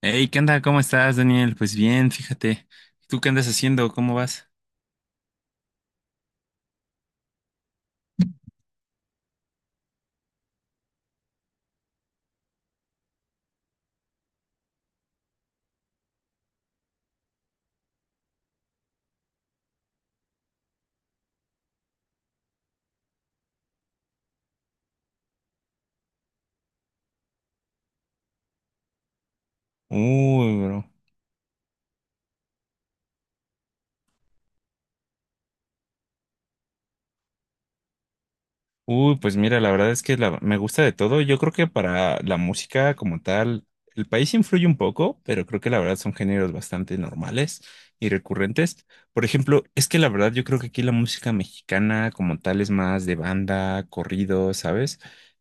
Hey, ¿qué onda? ¿Cómo estás, Daniel? Pues bien, fíjate. ¿Tú qué andas haciendo? ¿Cómo vas? Uy, bro. Pues mira, la verdad es que me gusta de todo. Yo creo que para la música como tal, el país influye un poco, pero creo que la verdad son géneros bastante normales y recurrentes. Por ejemplo, es que la verdad yo creo que aquí la música mexicana como tal es más de banda, corrido, ¿sabes?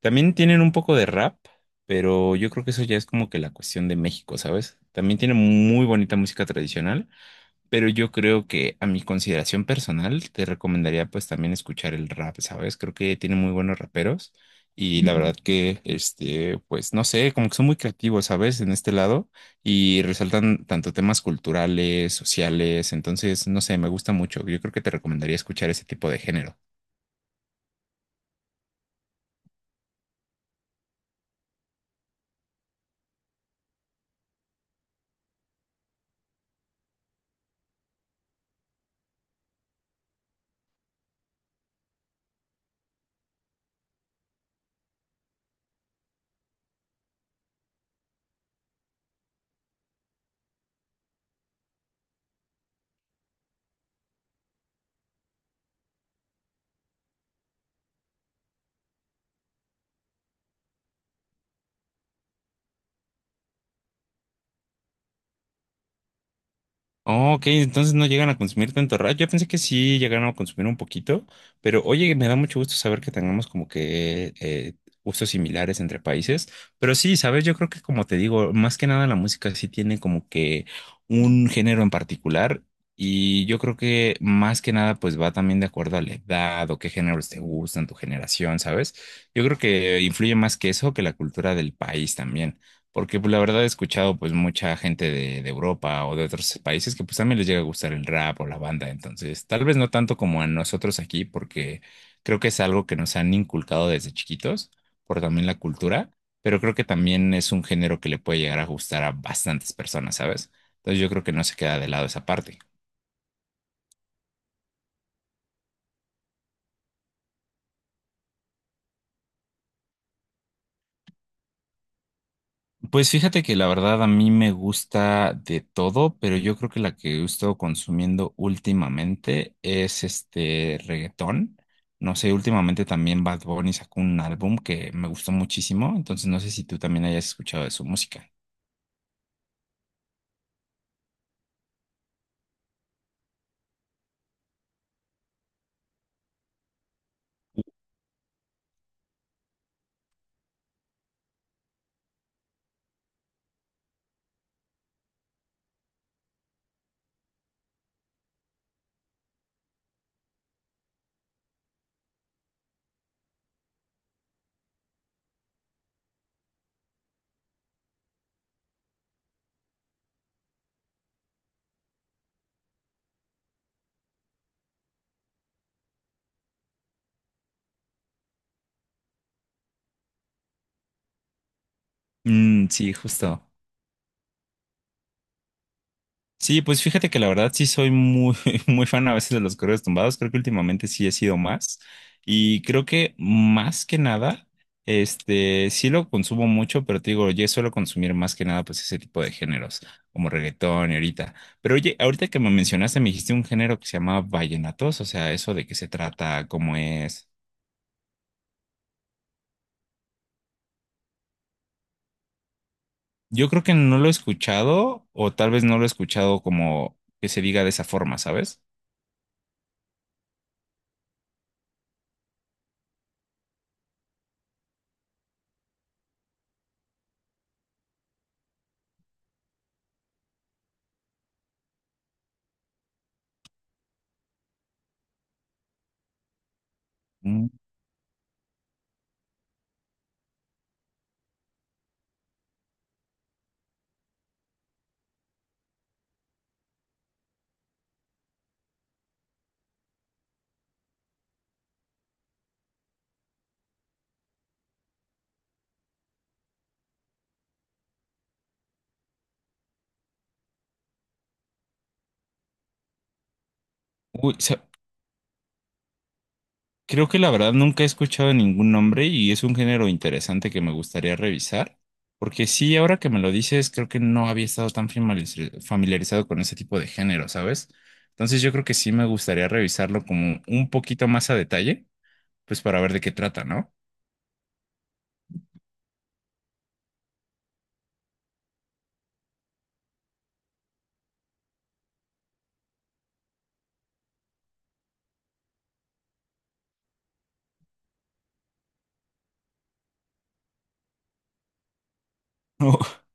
También tienen un poco de rap, pero yo creo que eso ya es como que la cuestión de México, ¿sabes? También tienen muy bonita música tradicional. Pero yo creo que a mi consideración personal te recomendaría pues también escuchar el rap, ¿sabes? Creo que tiene muy buenos raperos y la Ujú. Verdad que, pues no sé, como que son muy creativos, ¿sabes? En este lado y resaltan tanto temas culturales, sociales, entonces, no sé, me gusta mucho. Yo creo que te recomendaría escuchar ese tipo de género. Oh, ok, entonces no llegan a consumir tanto rap. Yo pensé que sí llegaron a consumir un poquito, pero oye, me da mucho gusto saber que tengamos como que gustos similares entre países. Pero sí, sabes, yo creo que como te digo, más que nada la música sí tiene como que un género en particular y yo creo que más que nada pues va también de acuerdo a la edad o qué géneros te gustan, tu generación, ¿sabes? Yo creo que influye más que eso que la cultura del país también. Porque pues, la verdad he escuchado pues mucha gente de Europa o de otros países que pues también les llega a gustar el rap o la banda. Entonces, tal vez no tanto como a nosotros aquí, porque creo que es algo que nos han inculcado desde chiquitos por también la cultura, pero creo que también es un género que le puede llegar a gustar a bastantes personas, ¿sabes? Entonces yo creo que no se queda de lado esa parte. Pues fíjate que la verdad a mí me gusta de todo, pero yo creo que la que he estado consumiendo últimamente es este reggaetón. No sé, últimamente también Bad Bunny sacó un álbum que me gustó muchísimo, entonces no sé si tú también hayas escuchado de su música. Mm, sí, justo. Sí, pues fíjate que la verdad sí soy muy, muy fan a veces de los correos tumbados. Creo que últimamente sí he sido más. Y creo que más que nada, sí lo consumo mucho, pero te digo, yo suelo consumir más que nada pues ese tipo de géneros, como reggaetón y ahorita. Pero oye, ahorita que me mencionaste, me dijiste un género que se llama vallenatos, o sea, eso de qué se trata, cómo es. Yo creo que no lo he escuchado, o tal vez no lo he escuchado como que se diga de esa forma, ¿sabes? Mm. Uy, sa- Creo que la verdad nunca he escuchado ningún nombre y es un género interesante que me gustaría revisar, porque sí, ahora que me lo dices, creo que no había estado tan familiarizado con ese tipo de género, ¿sabes? Entonces yo creo que sí me gustaría revisarlo como un poquito más a detalle, pues para ver de qué trata, ¿no?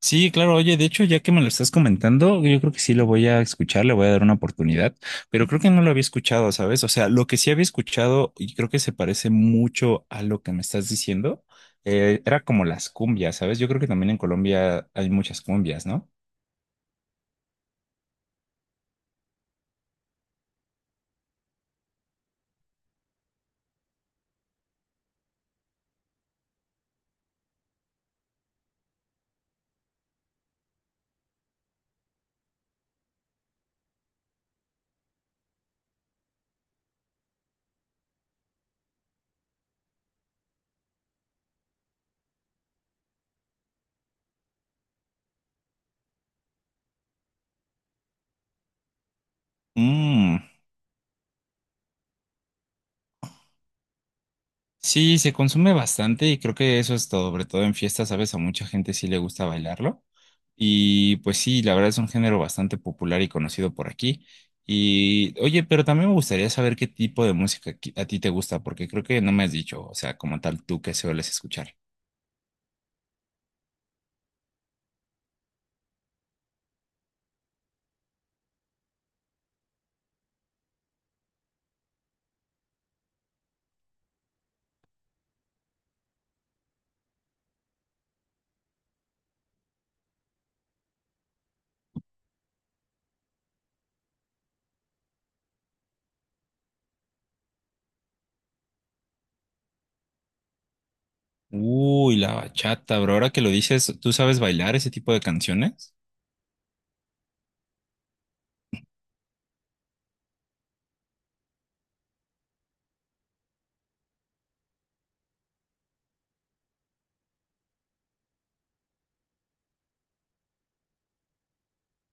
Sí, claro, oye, de hecho, ya que me lo estás comentando, yo creo que sí lo voy a escuchar, le voy a dar una oportunidad, pero creo que no lo había escuchado, ¿sabes? O sea, lo que sí había escuchado y creo que se parece mucho a lo que me estás diciendo, era como las cumbias, ¿sabes? Yo creo que también en Colombia hay muchas cumbias, ¿no? Sí, se consume bastante y creo que eso es todo, sobre todo en fiestas, ¿sabes? A mucha gente sí le gusta bailarlo. Y pues sí, la verdad es un género bastante popular y conocido por aquí. Y oye, pero también me gustaría saber qué tipo de música a ti te gusta, porque creo que no me has dicho, o sea, como tal, tú qué sueles escuchar. Uy, la bachata, bro, ahora que lo dices, ¿tú sabes bailar ese tipo de canciones?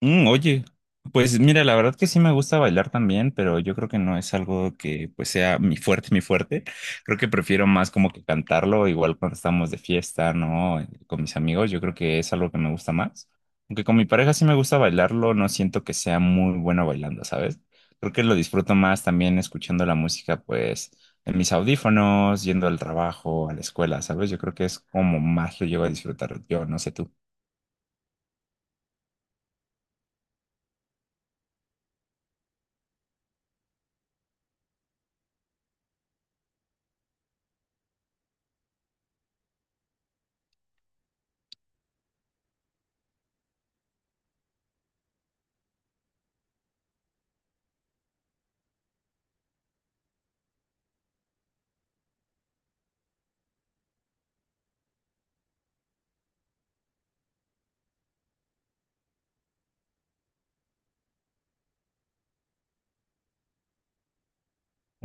Mm, oye, pues mira, la verdad que sí me gusta bailar también, pero yo creo que no es algo que pues sea mi fuerte. Creo que prefiero más como que cantarlo, igual cuando estamos de fiesta, ¿no? Con mis amigos, yo creo que es algo que me gusta más. Aunque con mi pareja sí me gusta bailarlo, no siento que sea muy bueno bailando, ¿sabes? Creo que lo disfruto más también escuchando la música, pues, en mis audífonos, yendo al trabajo, a la escuela, ¿sabes? Yo creo que es como más lo llevo a disfrutar yo, no sé tú.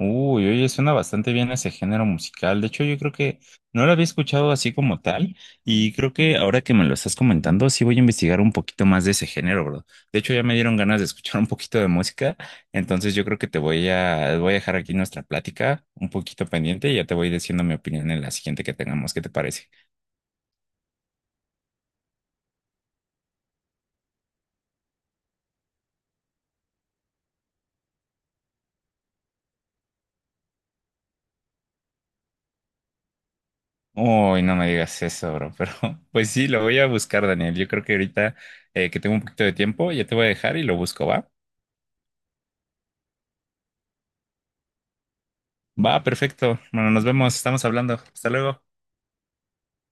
Uy, oye, suena bastante bien ese género musical. De hecho, yo creo que no lo había escuchado así como tal y creo que ahora que me lo estás comentando, sí voy a investigar un poquito más de ese género, bro. De hecho, ya me dieron ganas de escuchar un poquito de música, entonces yo creo que te voy voy a dejar aquí nuestra plática un poquito pendiente y ya te voy diciendo mi opinión en la siguiente que tengamos. ¿Qué te parece? Uy, no me digas eso, bro, pero pues sí, lo voy a buscar, Daniel. Yo creo que ahorita que tengo un poquito de tiempo, ya te voy a dejar y lo busco, ¿va? Va, perfecto. Bueno, nos vemos, estamos hablando. Hasta luego.